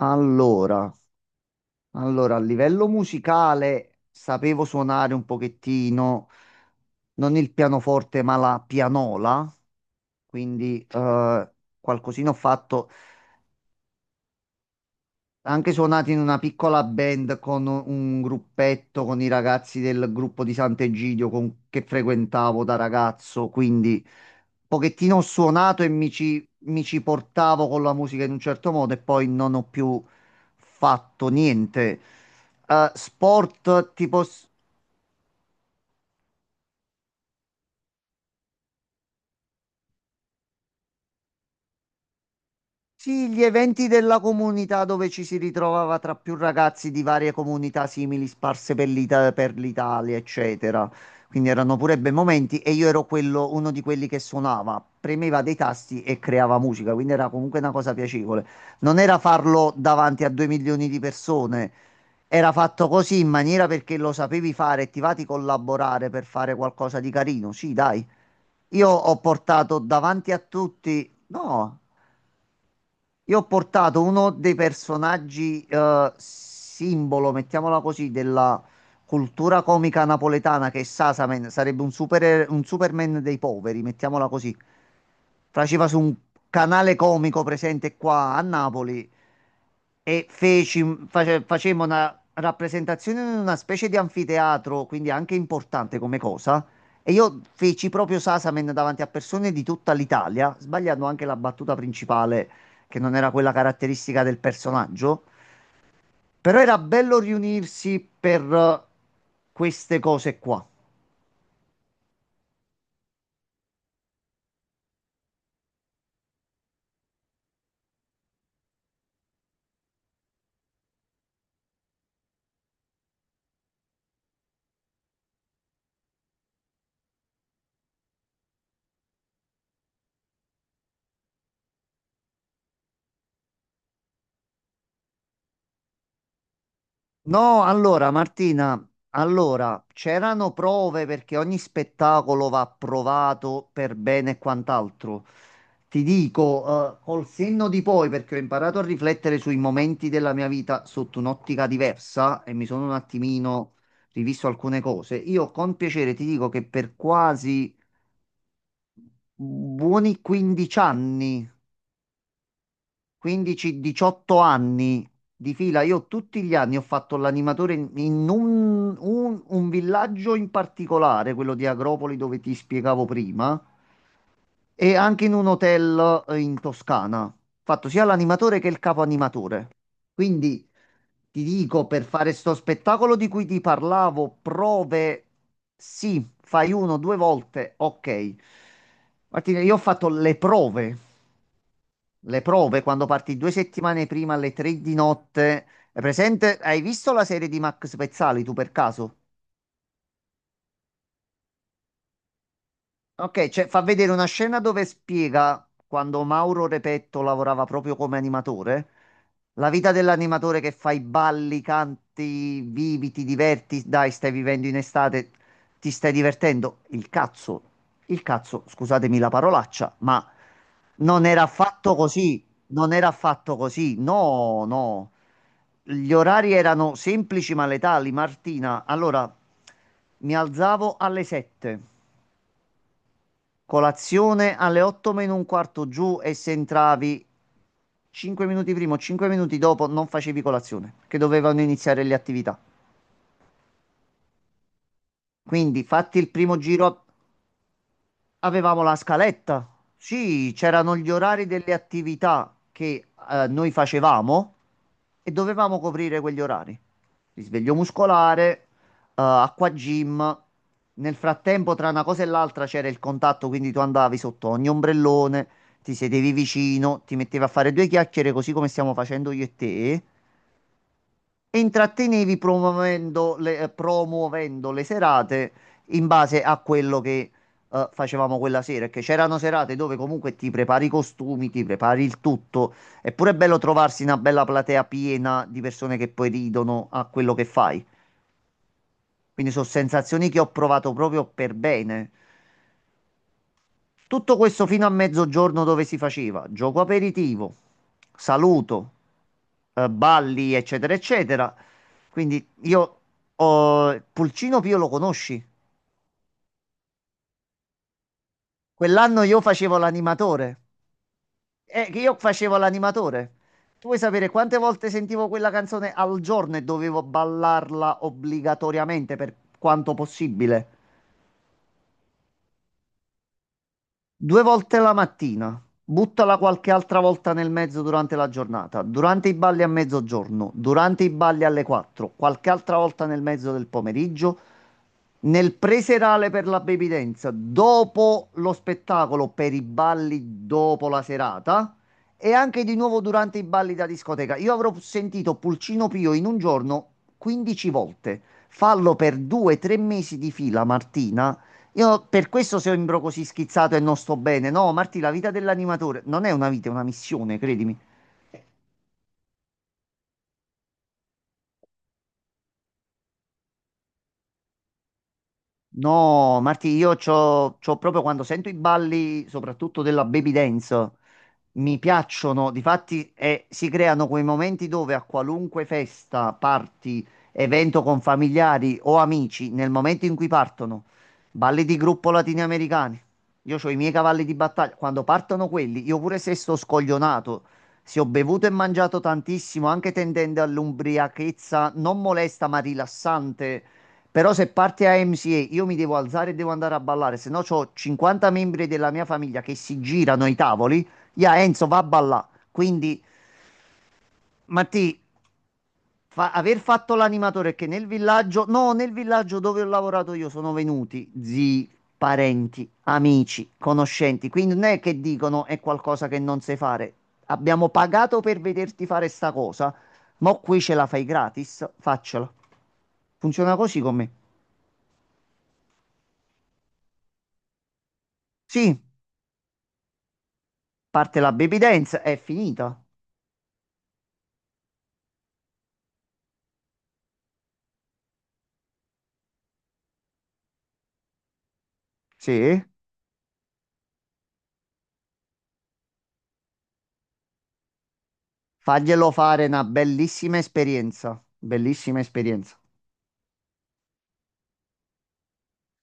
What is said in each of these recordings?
Allora, allora, a livello musicale sapevo suonare un pochettino, non il pianoforte, ma la pianola, quindi qualcosina ho fatto. Ha anche suonato in una piccola band con un gruppetto con i ragazzi del gruppo di Sant'Egidio che frequentavo da ragazzo, quindi un pochettino ho suonato e mi ci portavo con la musica in un certo modo e poi non ho più fatto niente. Sport tipo sì, gli eventi della comunità dove ci si ritrovava tra più ragazzi di varie comunità simili sparse per per l'Italia, eccetera. Quindi erano pure bei momenti e io ero quello, uno di quelli che suonava, premeva dei tasti e creava musica, quindi era comunque una cosa piacevole. Non era farlo davanti a 2 milioni di persone, era fatto così in maniera perché lo sapevi fare e ti va di collaborare per fare qualcosa di carino. Sì, dai. Io ho portato davanti a tutti, no. Io ho portato uno dei personaggi simbolo, mettiamola così, della cultura comica napoletana che è Sasamen, sarebbe un Superman dei poveri, mettiamola così. Faceva su un canale comico presente qua a Napoli e facemmo una rappresentazione in una specie di anfiteatro, quindi anche importante come cosa. E io feci proprio Sasamen davanti a persone di tutta l'Italia, sbagliando anche la battuta principale che non era quella caratteristica del personaggio, però era bello riunirsi per queste cose qua. No, allora Martina, allora c'erano prove perché ogni spettacolo va provato per bene e quant'altro. Ti dico, col senno di poi, perché ho imparato a riflettere sui momenti della mia vita sotto un'ottica diversa e mi sono un attimino rivisto alcune cose. Io con piacere ti dico che per quasi buoni 15 anni, 15-18 anni di fila. Io tutti gli anni ho fatto l'animatore un villaggio in particolare, quello di Agropoli dove ti spiegavo prima, e anche in un hotel in Toscana. Ho fatto sia l'animatore che il capo animatore. Quindi ti dico, per fare sto spettacolo di cui ti parlavo, prove, sì, fai uno, due volte, ok. Martina, io ho fatto le prove. Le prove quando parti 2 settimane prima alle 3 di notte. È presente? Hai visto la serie di Max Pezzali tu per caso? Ok, cioè fa vedere una scena dove spiega quando Mauro Repetto lavorava proprio come animatore, la vita dell'animatore che fa i balli, canti, vivi, ti diverti, dai, stai vivendo in estate, ti stai divertendo. Il cazzo, scusatemi la parolaccia, ma non era affatto così, non era affatto così, no, no. Gli orari erano semplici ma letali, Martina. Allora, mi alzavo alle 7. Colazione alle 8 meno un quarto giù e se entravi 5 minuti prima o 5 minuti dopo non facevi colazione, che dovevano iniziare le attività. Quindi fatti il primo giro. Avevamo la scaletta, sì, c'erano gli orari delle attività che noi facevamo e dovevamo coprire quegli orari. Risveglio muscolare, acqua gym. Nel frattempo, tra una cosa e l'altra c'era il contatto, quindi tu andavi sotto ogni ombrellone, ti sedevi vicino, ti mettevi a fare due chiacchiere, così come stiamo facendo io e te e intrattenevi promuovendo le serate in base a quello che facevamo quella sera. Perché c'erano serate dove comunque ti prepari i costumi, ti prepari il tutto. È pure bello trovarsi una bella platea piena di persone che poi ridono a quello che fai. Quindi sono sensazioni che ho provato proprio per bene. Tutto questo fino a mezzogiorno dove si faceva gioco aperitivo, saluto, balli, eccetera, eccetera. Quindi io ho Pulcino Pio lo conosci? Quell'anno io facevo l'animatore. Che io facevo l'animatore. Tu vuoi sapere quante volte sentivo quella canzone al giorno e dovevo ballarla obbligatoriamente per quanto possibile? Due volte la mattina, buttala qualche altra volta nel mezzo durante la giornata, durante i balli a mezzogiorno, durante i balli alle 4, qualche altra volta nel mezzo del pomeriggio, nel preserale per la baby dance, dopo lo spettacolo per i balli dopo la serata e anche di nuovo durante i balli da discoteca. Io avrò sentito Pulcino Pio in un giorno 15 volte. Fallo per 2, 3 mesi di fila, Martina. Io per questo sembro così schizzato e non sto bene. No, Marti, la vita dell'animatore non è una vita, è una missione, credimi. No, Marti, io c'ho proprio quando sento i balli, soprattutto della baby dance. Mi piacciono, difatti si creano quei momenti dove a qualunque festa, party, evento con familiari o amici, nel momento in cui partono, balli di gruppo latinoamericani, io ho i miei cavalli di battaglia, quando partono quelli, io pure se sto scoglionato, se ho bevuto e mangiato tantissimo, anche tendendo all'ubriachezza non molesta ma rilassante, però se parte a MCA io mi devo alzare e devo andare a ballare, se no ho 50 membri della mia famiglia che si girano ai tavoli Ya Enzo va a ballà. Quindi, Matti, aver fatto l'animatore è che nel villaggio, no, nel villaggio dove ho lavorato io sono venuti zii, parenti, amici, conoscenti. Quindi non è che dicono è qualcosa che non sai fare. Abbiamo pagato per vederti fare sta cosa, ma qui ce la fai gratis, faccela. Funziona così con me. Sì, parte la baby dance, è finita. Sì, faglielo fare una bellissima esperienza, bellissima esperienza.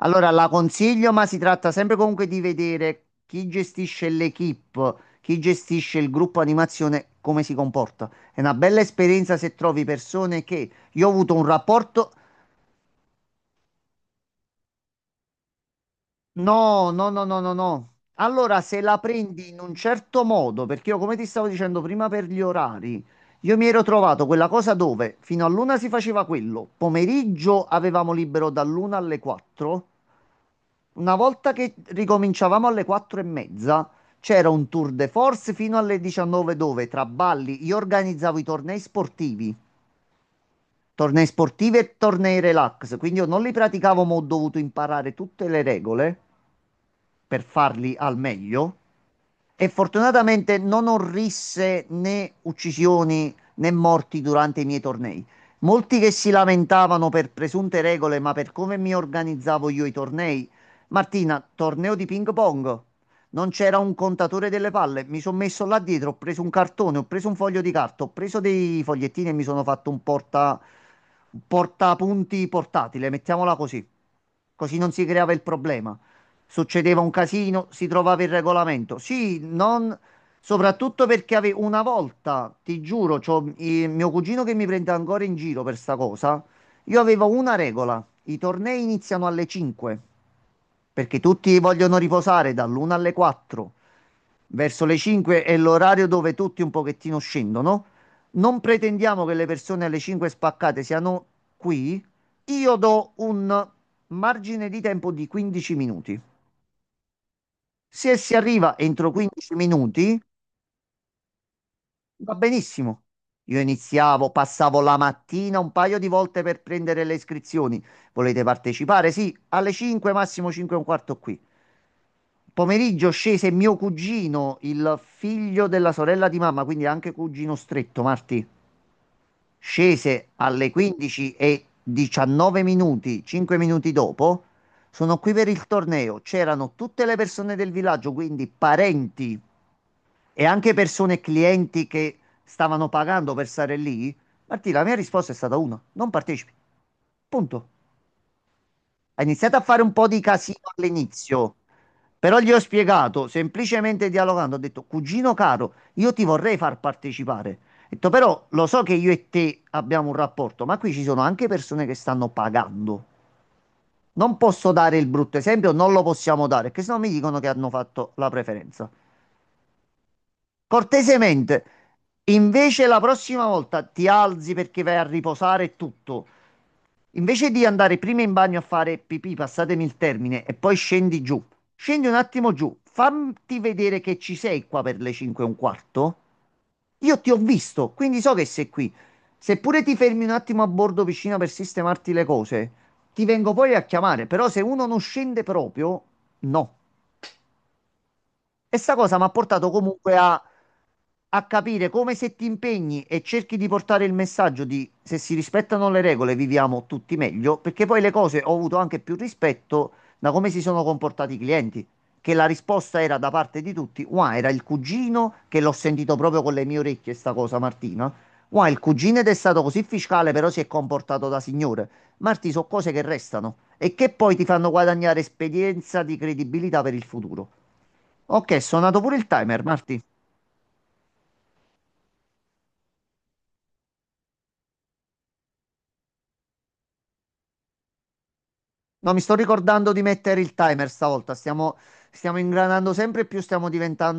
Allora, la consiglio, ma si tratta sempre comunque di vedere chi gestisce l'equipe, chi gestisce il gruppo animazione, come si comporta. È una bella esperienza se trovi persone che... Io ho avuto un rapporto... No, no, no, no, no, no. Allora, se la prendi in un certo modo, perché io, come ti stavo dicendo prima per gli orari, io mi ero trovato quella cosa dove fino all'una si faceva quello, pomeriggio avevamo libero dall'una alle 4. Una volta che ricominciavamo alle 4 e mezza, c'era un tour de force fino alle 19 dove tra balli io organizzavo i tornei sportivi e tornei relax, quindi io non li praticavo ma ho dovuto imparare tutte le regole per farli al meglio. E fortunatamente non orrisse né uccisioni né morti durante i miei tornei. Molti che si lamentavano per presunte regole, ma per come mi organizzavo io i tornei. Martina, torneo di ping pong. Non c'era un contatore delle palle. Mi sono messo là dietro, ho preso un cartone, ho preso un foglio di carta, ho preso dei fogliettini e mi sono fatto un portapunti portatile, mettiamola così. Così non si creava il problema, succedeva un casino, si trovava il regolamento. Sì, non... soprattutto perché una volta, ti giuro, c'ho mio cugino che mi prende ancora in giro per sta cosa. Io avevo una regola, i tornei iniziano alle 5, perché tutti vogliono riposare dall'1 alle 4. Verso le 5 è l'orario dove tutti un pochettino scendono. Non pretendiamo che le persone alle 5 spaccate siano qui. Io do un margine di tempo di 15 minuti. Se si arriva entro 15 minuti, va benissimo. Io iniziavo, passavo la mattina un paio di volte per prendere le iscrizioni. Volete partecipare? Sì, alle 5, massimo 5 e un quarto qui. Pomeriggio scese mio cugino, il figlio della sorella di mamma, quindi anche cugino stretto, Marti. Scese alle 15 e 19 minuti, 5 minuti dopo. Sono qui per il torneo. C'erano tutte le persone del villaggio, quindi parenti e anche persone e clienti che stavano pagando per stare lì, Martì, la mia risposta è stata una, non partecipi. Punto. Ha iniziato a fare un po' di casino all'inizio, però gli ho spiegato, semplicemente dialogando, ho detto, cugino caro, io ti vorrei far partecipare. Ho detto, però lo so che io e te abbiamo un rapporto, ma qui ci sono anche persone che stanno pagando. Non posso dare il brutto esempio, non lo possiamo dare, perché sennò mi dicono che hanno fatto la preferenza. Cortesemente, invece la prossima volta ti alzi perché vai a riposare e tutto. Invece di andare prima in bagno a fare pipì, passatemi il termine, e poi scendi giù. Scendi un attimo giù, fammi vedere che ci sei qua per le 5 e un quarto. Io ti ho visto, quindi so che sei qui. Seppure ti fermi un attimo a bordo vicino per sistemarti le cose, ti vengo poi a chiamare. Però se uno non scende proprio, no. E sta cosa mi ha portato comunque a capire come se ti impegni e cerchi di portare il messaggio di se si rispettano le regole viviamo tutti meglio, perché poi le cose ho avuto anche più rispetto da come si sono comportati i clienti, che la risposta era da parte di tutti, wow, era il cugino che l'ho sentito proprio con le mie orecchie sta cosa Martina, wow, il cugino ed è stato così fiscale però si è comportato da signore. Marti, sono cose che restano e che poi ti fanno guadagnare esperienza di credibilità per il futuro. Ok, è suonato pure il timer, Marti. No, mi sto ricordando di mettere il timer stavolta. Stiamo ingranando sempre più, stiamo diventando